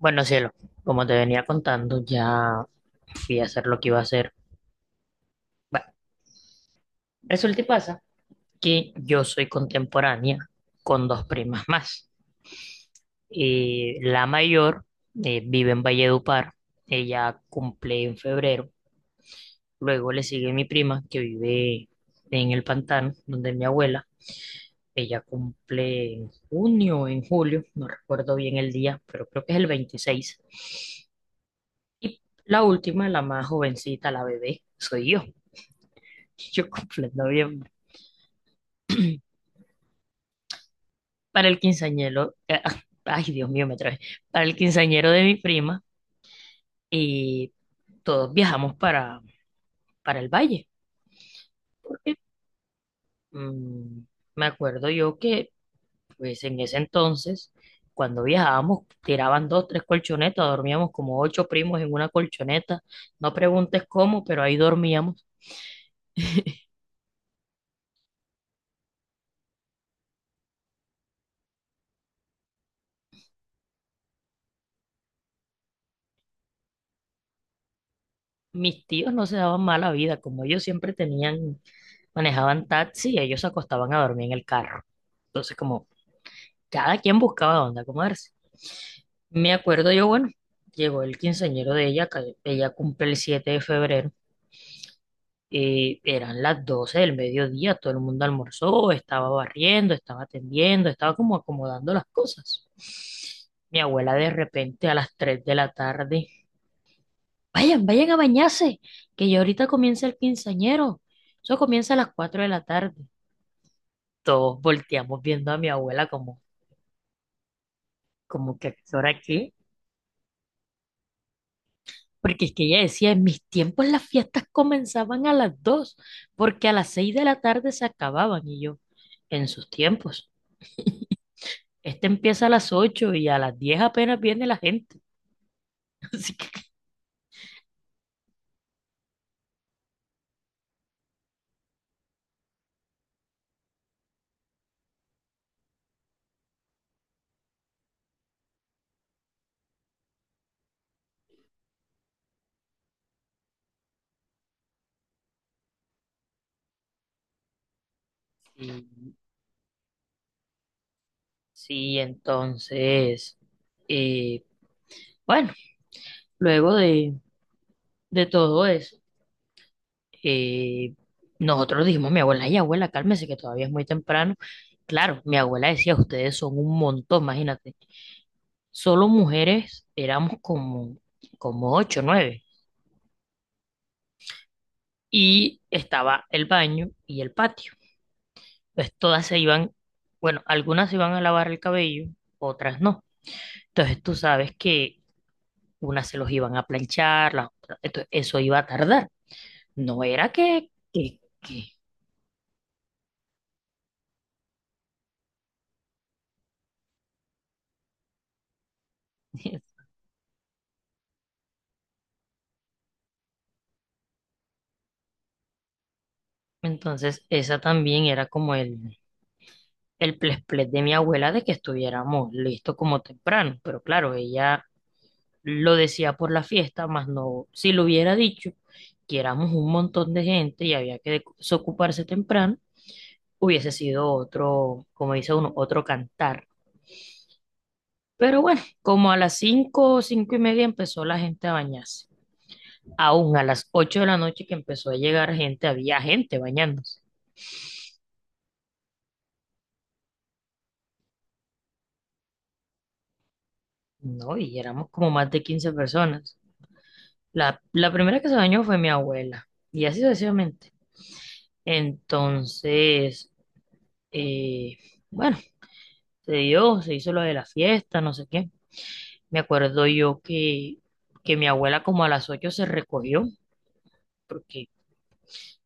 Bueno, cielo, como te venía contando, ya fui a hacer lo que iba a hacer. Bueno, resulta y pasa que yo soy contemporánea con dos primas más. La mayor vive en Valledupar, ella cumple en febrero. Luego le sigue mi prima que vive en el Pantano, donde mi abuela. Ella cumple en junio o en julio, no recuerdo bien el día, pero creo que es el 26. Y la última, la más jovencita, la bebé, soy yo. Yo comprendo bien. Para el quinceañero, ay Dios mío, me trae. Para el quinceañero de mi prima y todos viajamos para el valle. Porque mm, me acuerdo yo que pues en ese entonces, cuando viajábamos, tiraban dos, tres colchonetas, dormíamos como ocho primos en una colchoneta. No preguntes cómo, pero ahí dormíamos. Mis tíos no se daban mala vida, como ellos siempre tenían, manejaban taxi, ellos se acostaban a dormir en el carro. Entonces, como cada quien buscaba dónde acomodarse. Me acuerdo yo, bueno, llegó el quinceañero de ella, que ella cumple el 7 de febrero, y eran las 12 del mediodía, todo el mundo almorzó, estaba barriendo, estaba atendiendo, estaba como acomodando las cosas. Mi abuela de repente a las 3 de la tarde, vayan, vayan a bañarse, que ya ahorita comienza el quinceañero. Eso comienza a las 4 de la tarde. Todos volteamos viendo a mi abuela como que, ¿a qué hora qué? Porque es que ella decía, en mis tiempos las fiestas comenzaban a las 2 porque a las 6 de la tarde se acababan. Y yo, en sus tiempos, este empieza a las 8 y a las 10 apenas viene la gente. Así que sí, sí, entonces, eh, bueno, luego de todo eso, eh, nosotros dijimos, mi abuela, y abuela, cálmese que todavía es muy temprano. Claro, mi abuela decía, ustedes son un montón, imagínate. Solo mujeres éramos como ocho, nueve. Y estaba el baño y el patio. Entonces todas se iban, bueno, algunas se iban a lavar el cabello, otras no. Entonces tú sabes que unas se los iban a planchar, las otras, entonces eso iba a tardar. No era que. Entonces esa también era como el ples ples de mi abuela de que estuviéramos listos como temprano. Pero claro, ella lo decía por la fiesta, más no, si lo hubiera dicho, que éramos un montón de gente y había que desocuparse temprano, hubiese sido otro, como dice uno, otro cantar. Pero bueno, como a las 5, o 5:30 empezó la gente a bañarse. Aún a las 8 de la noche que empezó a llegar gente, había gente bañándose. No, y éramos como más de 15 personas. La primera que se bañó fue mi abuela, y así sucesivamente. Entonces, eh, bueno, se dio, se hizo lo de la fiesta, no sé qué. Me acuerdo yo que mi abuela como a las 8 se recogió, porque,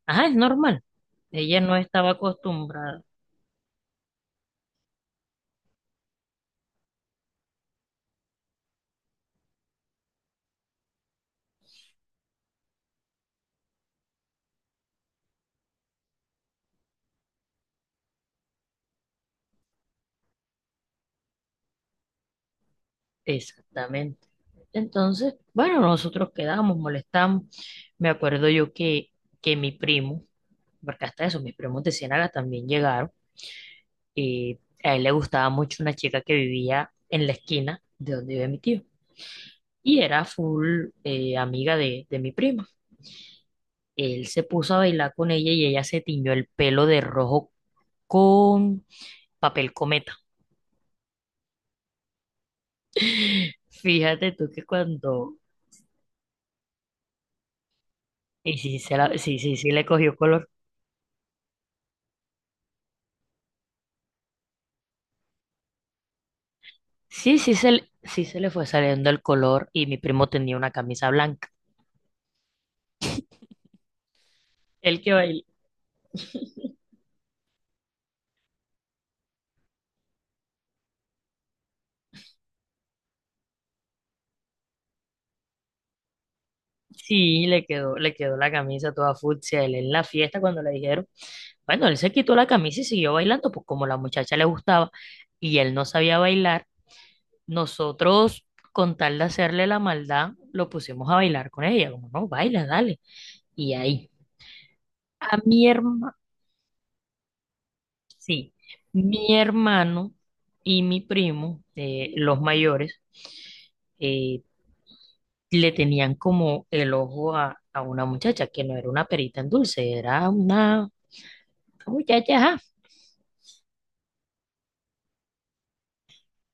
ajá, es normal. Ella no estaba acostumbrada. Exactamente. Entonces, bueno, nosotros quedamos, molestamos. Me acuerdo yo que mi primo, porque hasta eso, mis primos de Ciénaga también llegaron, y a él le gustaba mucho una chica que vivía en la esquina de donde vive mi tío. Y era full amiga de mi prima. Él se puso a bailar con ella y ella se tiñó el pelo de rojo con papel cometa. Fíjate tú que cuando... Y sí, sí, sí, sí le cogió color. Sí, sí se le fue saliendo el color y mi primo tenía una camisa blanca. El que bailó, sí, le quedó la camisa toda fucsia. Él en la fiesta cuando le dijeron, bueno, él se quitó la camisa y siguió bailando, pues como la muchacha le gustaba y él no sabía bailar, nosotros, con tal de hacerle la maldad, lo pusimos a bailar con ella, como no, baila, dale. Y ahí, a mi hermano, sí, mi hermano y mi primo, los mayores, eh, le tenían como el ojo a una muchacha que no era una perita en dulce, era una muchacha, ajá.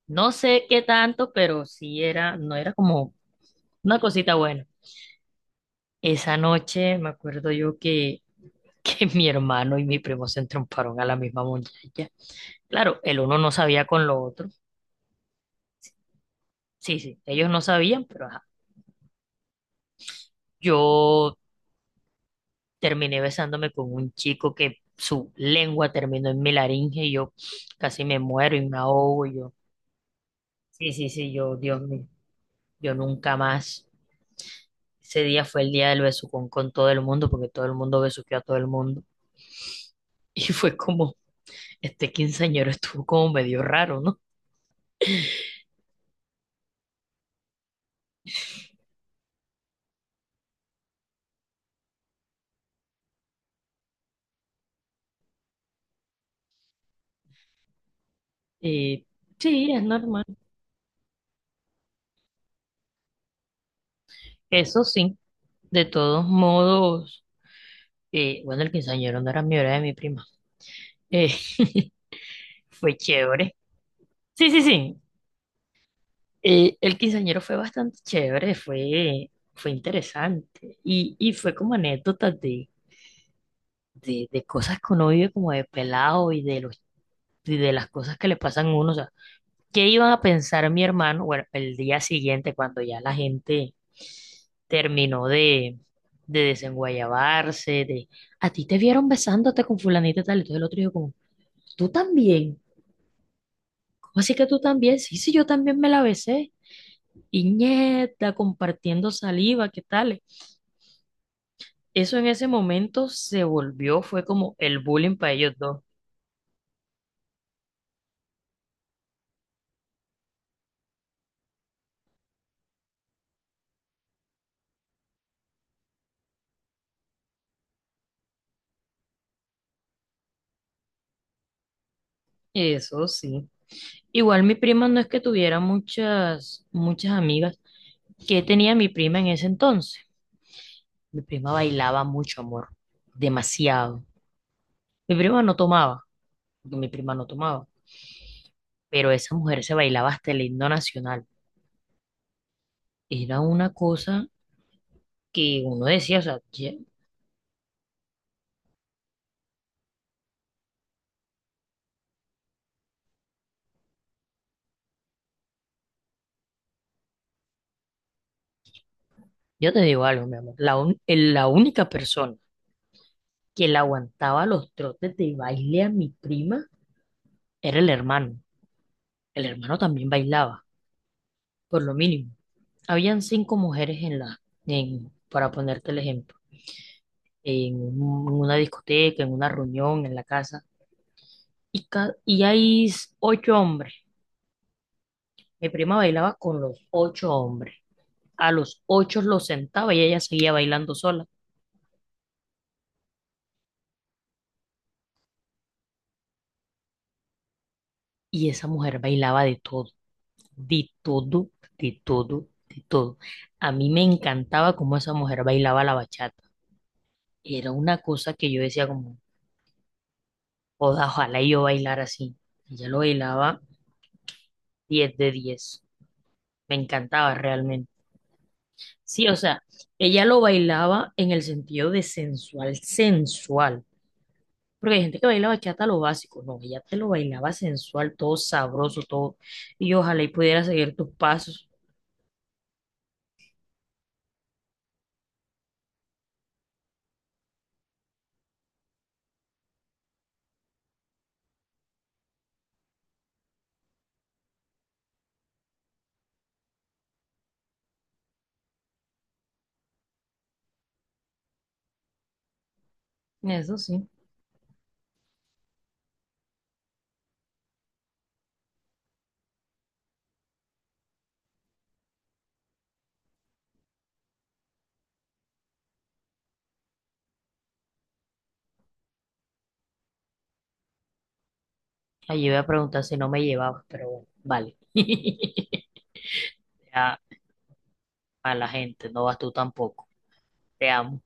No sé qué tanto, pero sí era, no era como una cosita buena. Esa noche me acuerdo yo que que mi hermano y mi primo se entromparon a la misma muchacha. Claro, el uno no sabía con lo otro. Sí, sí, ellos no sabían, pero ajá. Yo terminé besándome con un chico que su lengua terminó en mi laringe y yo casi me muero y me ahogo. Y yo, sí, sí, sí, yo, Dios mío, yo nunca más. Ese día fue el día del besucón con todo el mundo, porque todo el mundo besuqueó a todo el mundo. Y fue como, este quinceañero estuvo como medio raro, ¿no? Y sí, es normal. Eso sí, de todos modos, bueno, el quinceañero no era mi hora de mi prima. Eh, fue chévere. Sí, sí, sí. El quinceañero fue bastante chévere, fue interesante. Y fue como anécdotas de cosas que uno vive como de pelado y de las cosas que le pasan a uno. O sea, ¿qué iban a pensar mi hermano? Bueno, el día siguiente, cuando ya la gente terminó de desenguayabarse, a ti te vieron besándote con fulanita y tal, entonces el otro dijo como, tú también, ¿cómo así que tú también? Sí, sí, yo también me la besé, y nieta, compartiendo saliva, ¿qué tal? Eso en ese momento se volvió, fue como el bullying para ellos dos, eso sí. Igual mi prima no es que tuviera muchas, muchas amigas, ¿qué tenía mi prima en ese entonces? Mi prima bailaba mucho, amor, demasiado. Mi prima no tomaba, porque mi prima no tomaba. Pero esa mujer se bailaba hasta el himno nacional. Era una cosa que uno decía, o sea, yo te digo algo, mi amor, la única persona que le aguantaba los trotes de baile a mi prima era el hermano. El hermano también bailaba, por lo mínimo. Habían cinco mujeres en la, en, para ponerte el ejemplo, en una discoteca, en una reunión, en la casa, y hay ocho hombres. Mi prima bailaba con los ocho hombres. A los ocho lo sentaba y ella seguía bailando sola. Y esa mujer bailaba de todo, de todo, de todo, de todo. A mí me encantaba cómo esa mujer bailaba la bachata. Era una cosa que yo decía como, "Joda, ojalá yo bailara así. Ella lo bailaba 10 de 10". Me encantaba realmente. Sí, o sea, ella lo bailaba en el sentido de sensual, sensual. Porque hay gente que baila bachata lo básico, no, ella te lo bailaba sensual, todo sabroso, todo. Y yo ojalá y pudiera seguir tus pasos. Eso sí. Allí voy a preguntar si no me llevabas, pero bueno, vale. Ya, a la gente, no vas tú tampoco. Te amo.